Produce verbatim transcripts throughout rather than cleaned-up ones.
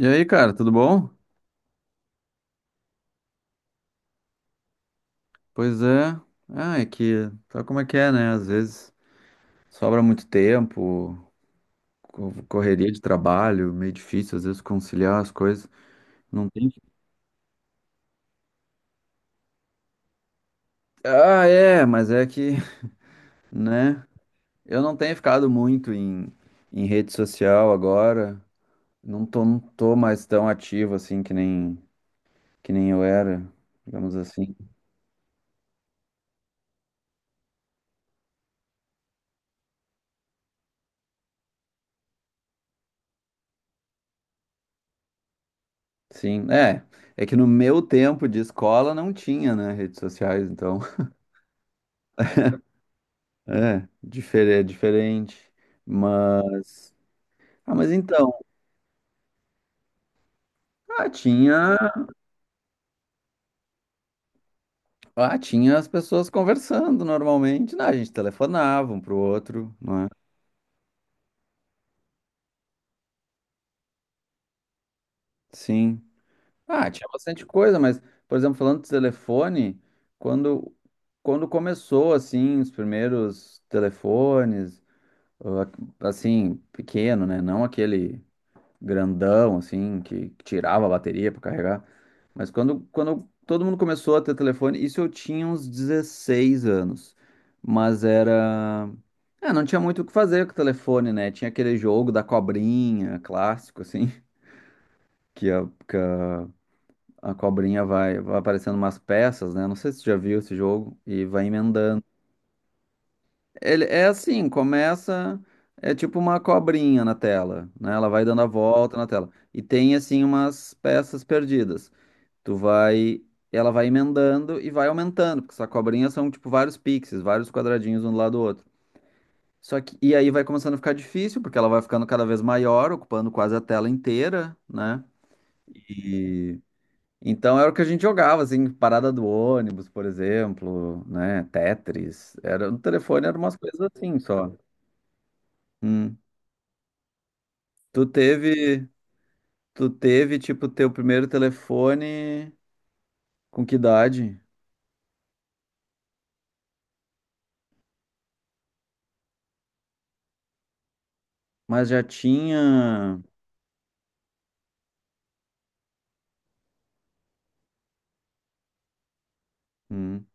E aí, cara, tudo bom? Pois é. Ah, é que sabe como é que é, né? Às vezes sobra muito tempo, co- correria de trabalho, meio difícil às vezes conciliar as coisas. Não tem. Ah, é, mas é que, né? Eu não tenho ficado muito em, em rede social agora. Não tô, não tô mais tão ativo assim que nem, que nem eu era, digamos assim. Sim, é. É que no meu tempo de escola não tinha, né, redes sociais, então. É, difere- diferente, mas... Ah, mas então, ah, tinha, ah, tinha as pessoas conversando normalmente, né? A gente telefonava um pro outro, não é? Sim. Ah, tinha bastante coisa, mas, por exemplo, falando de telefone, quando, quando começou, assim, os primeiros telefones, ah, assim, pequeno, né? Não aquele grandão, assim, que tirava a bateria para carregar. Mas quando, quando todo mundo começou a ter telefone, isso eu tinha uns dezesseis anos. Mas era. É, não tinha muito o que fazer com o telefone, né? Tinha aquele jogo da cobrinha, clássico, assim, que a, que a, a cobrinha vai, vai aparecendo umas peças, né? Não sei se você já viu esse jogo, e vai emendando. Ele é assim, começa é tipo uma cobrinha na tela, né? Ela vai dando a volta na tela e tem assim umas peças perdidas. Tu vai, ela vai emendando e vai aumentando, porque essa cobrinha são tipo vários pixels, vários quadradinhos um do lado do outro. Só que e aí vai começando a ficar difícil, porque ela vai ficando cada vez maior, ocupando quase a tela inteira, né? E então era o que a gente jogava assim, parada do ônibus, por exemplo, né? Tetris. Era no telefone, eram umas coisas assim só. Hum. Tu teve, tu teve, tipo, teu primeiro telefone com que idade? Mas já tinha, hum,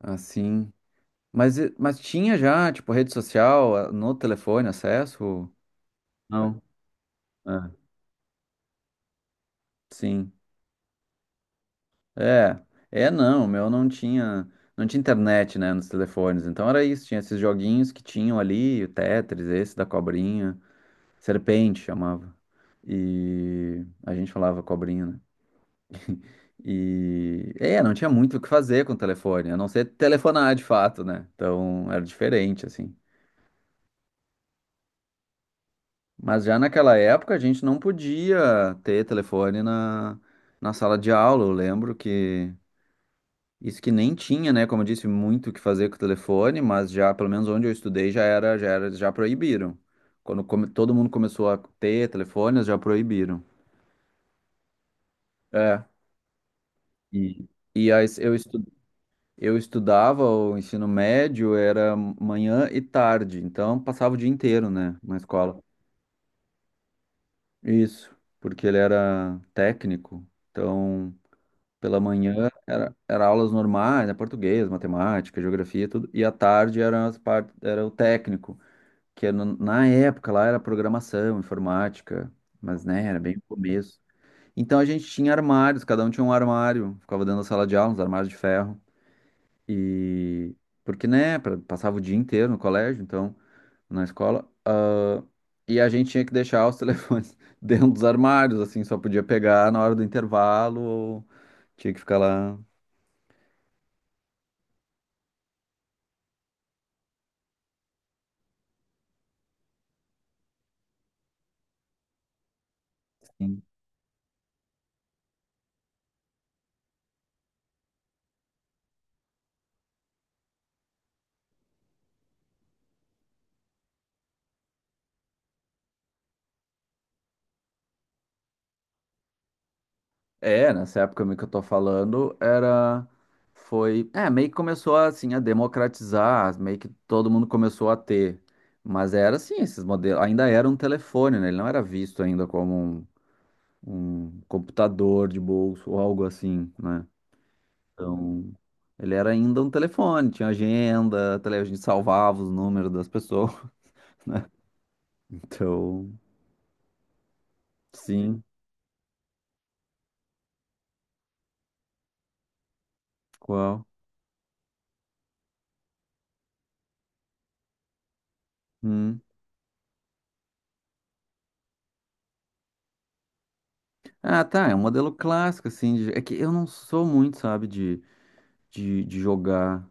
assim, mas, e- mas tinha já, tipo, rede social ah, no telefone, acesso? Não. Ah, sim. É, é não, o meu não tinha, não tinha internet, né, nos telefones, então era isso, tinha esses joguinhos que tinham ali, o Tetris, esse da cobrinha, Serpente chamava, e a gente falava cobrinha, né? E é, não tinha muito o que fazer com o telefone, a não ser telefonar de fato, né? Então era diferente, assim. Mas já naquela época a gente não podia ter telefone na, na sala de aula. Eu lembro que isso que nem tinha, né? Como eu disse, muito o que fazer com o telefone, mas já, pelo menos onde eu estudei, já era, já era, já proibiram. Quando come- todo mundo começou a ter telefones, já proibiram. É. E, e aí eu estudei. Eu estudava o ensino médio, era manhã e tarde, então passava o dia inteiro, né, na escola. Isso, porque ele era técnico, então pela manhã era, era aulas normais, né, português, matemática, geografia, tudo, e à tarde era, as par- era o técnico, que era no- na época lá era programação, informática, mas né, era bem no começo. Então a gente tinha armários, cada um tinha um armário, ficava dentro da sala de aula, uns armários de ferro. E porque, né, pra- passava o dia inteiro no colégio, então, na escola, e a gente tinha que deixar os telefones dentro dos armários, assim, só podia pegar na hora do intervalo, ou tinha que ficar lá. Assim. É, nessa época meio que eu tô falando, era foi, é, meio que começou assim a democratizar, meio que todo mundo começou a ter. Mas era assim, esses modelos, ainda era um telefone, né? Ele não era visto ainda como um, um computador de bolso ou algo assim, né? Então, ele era ainda um telefone, tinha agenda, tele- a gente salvava os números das pessoas, né? Então, sim, qual? Hum. Ah, tá, é um modelo clássico, assim, de- é que eu não sou muito, sabe, de, de, de jogar.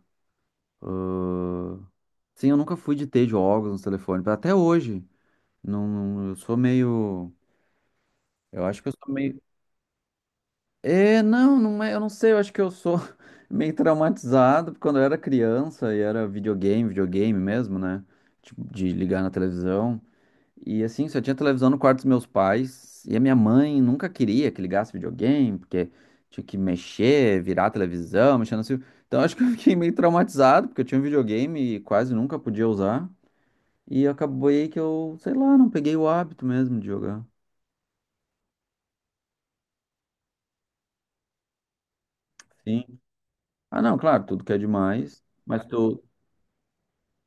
Ah, sim, eu nunca fui de ter jogos no telefone, até hoje, não, não- eu sou meio, eu acho que eu sou meio. É, não, não é, eu não sei, eu acho que eu sou meio traumatizado porque quando eu era criança e era videogame, videogame mesmo, né? Tipo, de ligar na televisão. E assim, só tinha televisão no quarto dos meus pais e a minha mãe nunca queria que ligasse videogame, porque tinha que mexer, virar a televisão, mexendo assim. Então eu acho que eu fiquei meio traumatizado, porque eu tinha um videogame e quase nunca podia usar. E acabou aí que eu, sei lá, não peguei o hábito mesmo de jogar. Sim. Ah, não, claro, tudo que é demais, mas tu,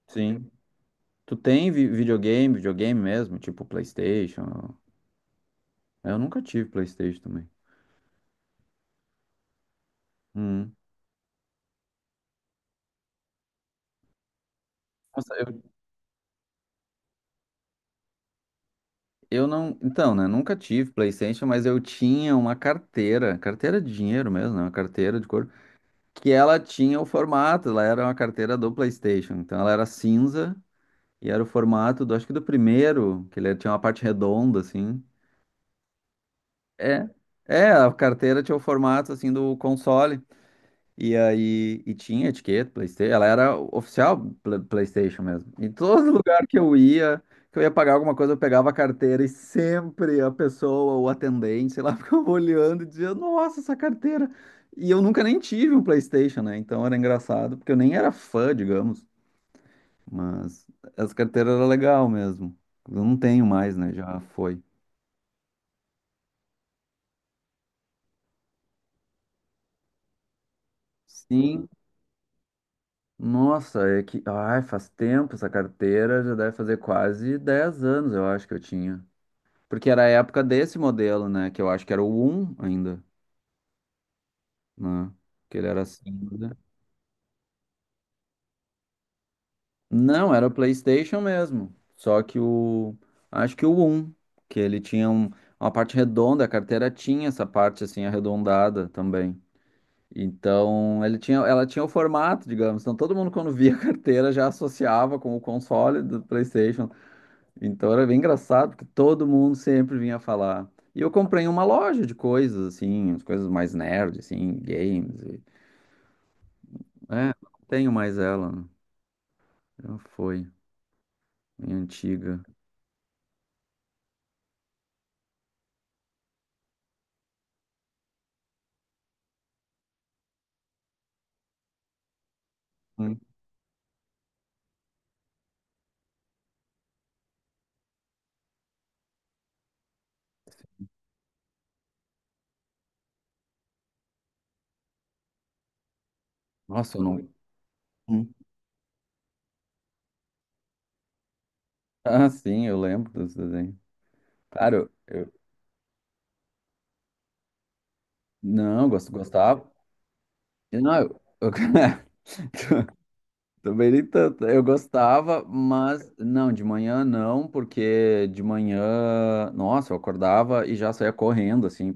sim. Tu tem vi- videogame, videogame mesmo, tipo PlayStation? Eu nunca tive PlayStation também. Hum. Nossa, eu, eu não. Então, né? Nunca tive PlayStation, mas eu tinha uma carteira, carteira de dinheiro mesmo, né? Uma carteira de couro, que ela tinha o formato, ela era uma carteira do PlayStation. Então, ela era cinza e era o formato do, acho que do primeiro, que ele tinha uma parte redonda, assim. É. É, a carteira tinha o formato, assim, do console. E aí, e tinha etiqueta, PlayStation, ela era oficial Pla- PlayStation mesmo. Em todo lugar que eu ia, que eu ia pagar alguma coisa, eu pegava a carteira e sempre a pessoa, o atendente, sei lá, ficava olhando e dizia, nossa, essa carteira. E eu nunca nem tive um PlayStation, né? Então era engraçado, porque eu nem era fã, digamos, mas essa carteira era legal mesmo. Eu não tenho mais, né? Já foi. Sim. Nossa, é que. Ai, faz tempo essa carteira, já deve fazer quase dez anos, eu acho que eu tinha. Porque era a época desse modelo, né? Que eu acho que era o um ainda, né? Que ele era assim, né? Não, era o PlayStation mesmo. Só que o. Acho que o um, que ele tinha um- uma parte redonda, a carteira tinha essa parte assim arredondada também. Então, ele tinha, ela tinha o formato, digamos. Então, todo mundo quando via a carteira já associava com o console do PlayStation. Então era bem engraçado, porque todo mundo sempre vinha falar. E eu comprei uma loja de coisas, assim, as coisas mais nerd, assim, games. e- É, não tenho mais ela, né? Já foi, minha antiga. Hum. Nossa, eu não. Hum. Ah, sim, eu lembro desse desenho. Cara, eu. eu- Não, eu gosto- gostava. Eu Não, eu... eu- também nem tanto. Eu gostava, mas não, de manhã não, porque de manhã, nossa, eu acordava e já saía correndo, assim,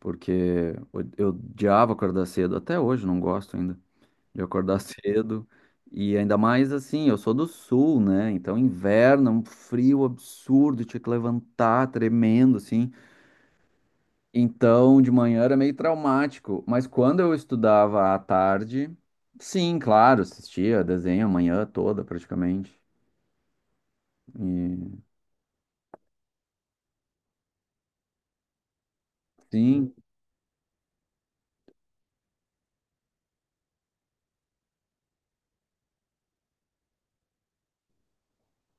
porque eu eu odiava acordar cedo, até hoje não gosto ainda de acordar cedo. E ainda mais assim, eu sou do sul, né? Então inverno, é um frio absurdo, tinha que levantar tremendo assim. Então de manhã era meio traumático, mas quando eu estudava à tarde, sim, claro, assistia desenho a manhã toda praticamente. E sim,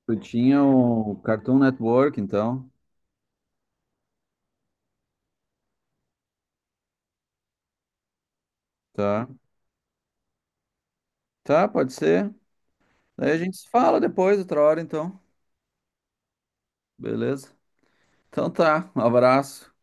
tu tinha o Cartoon Network, então, tá? Tá, pode ser. Daí a gente se fala depois, outra hora, então. Beleza? Então tá, um abraço.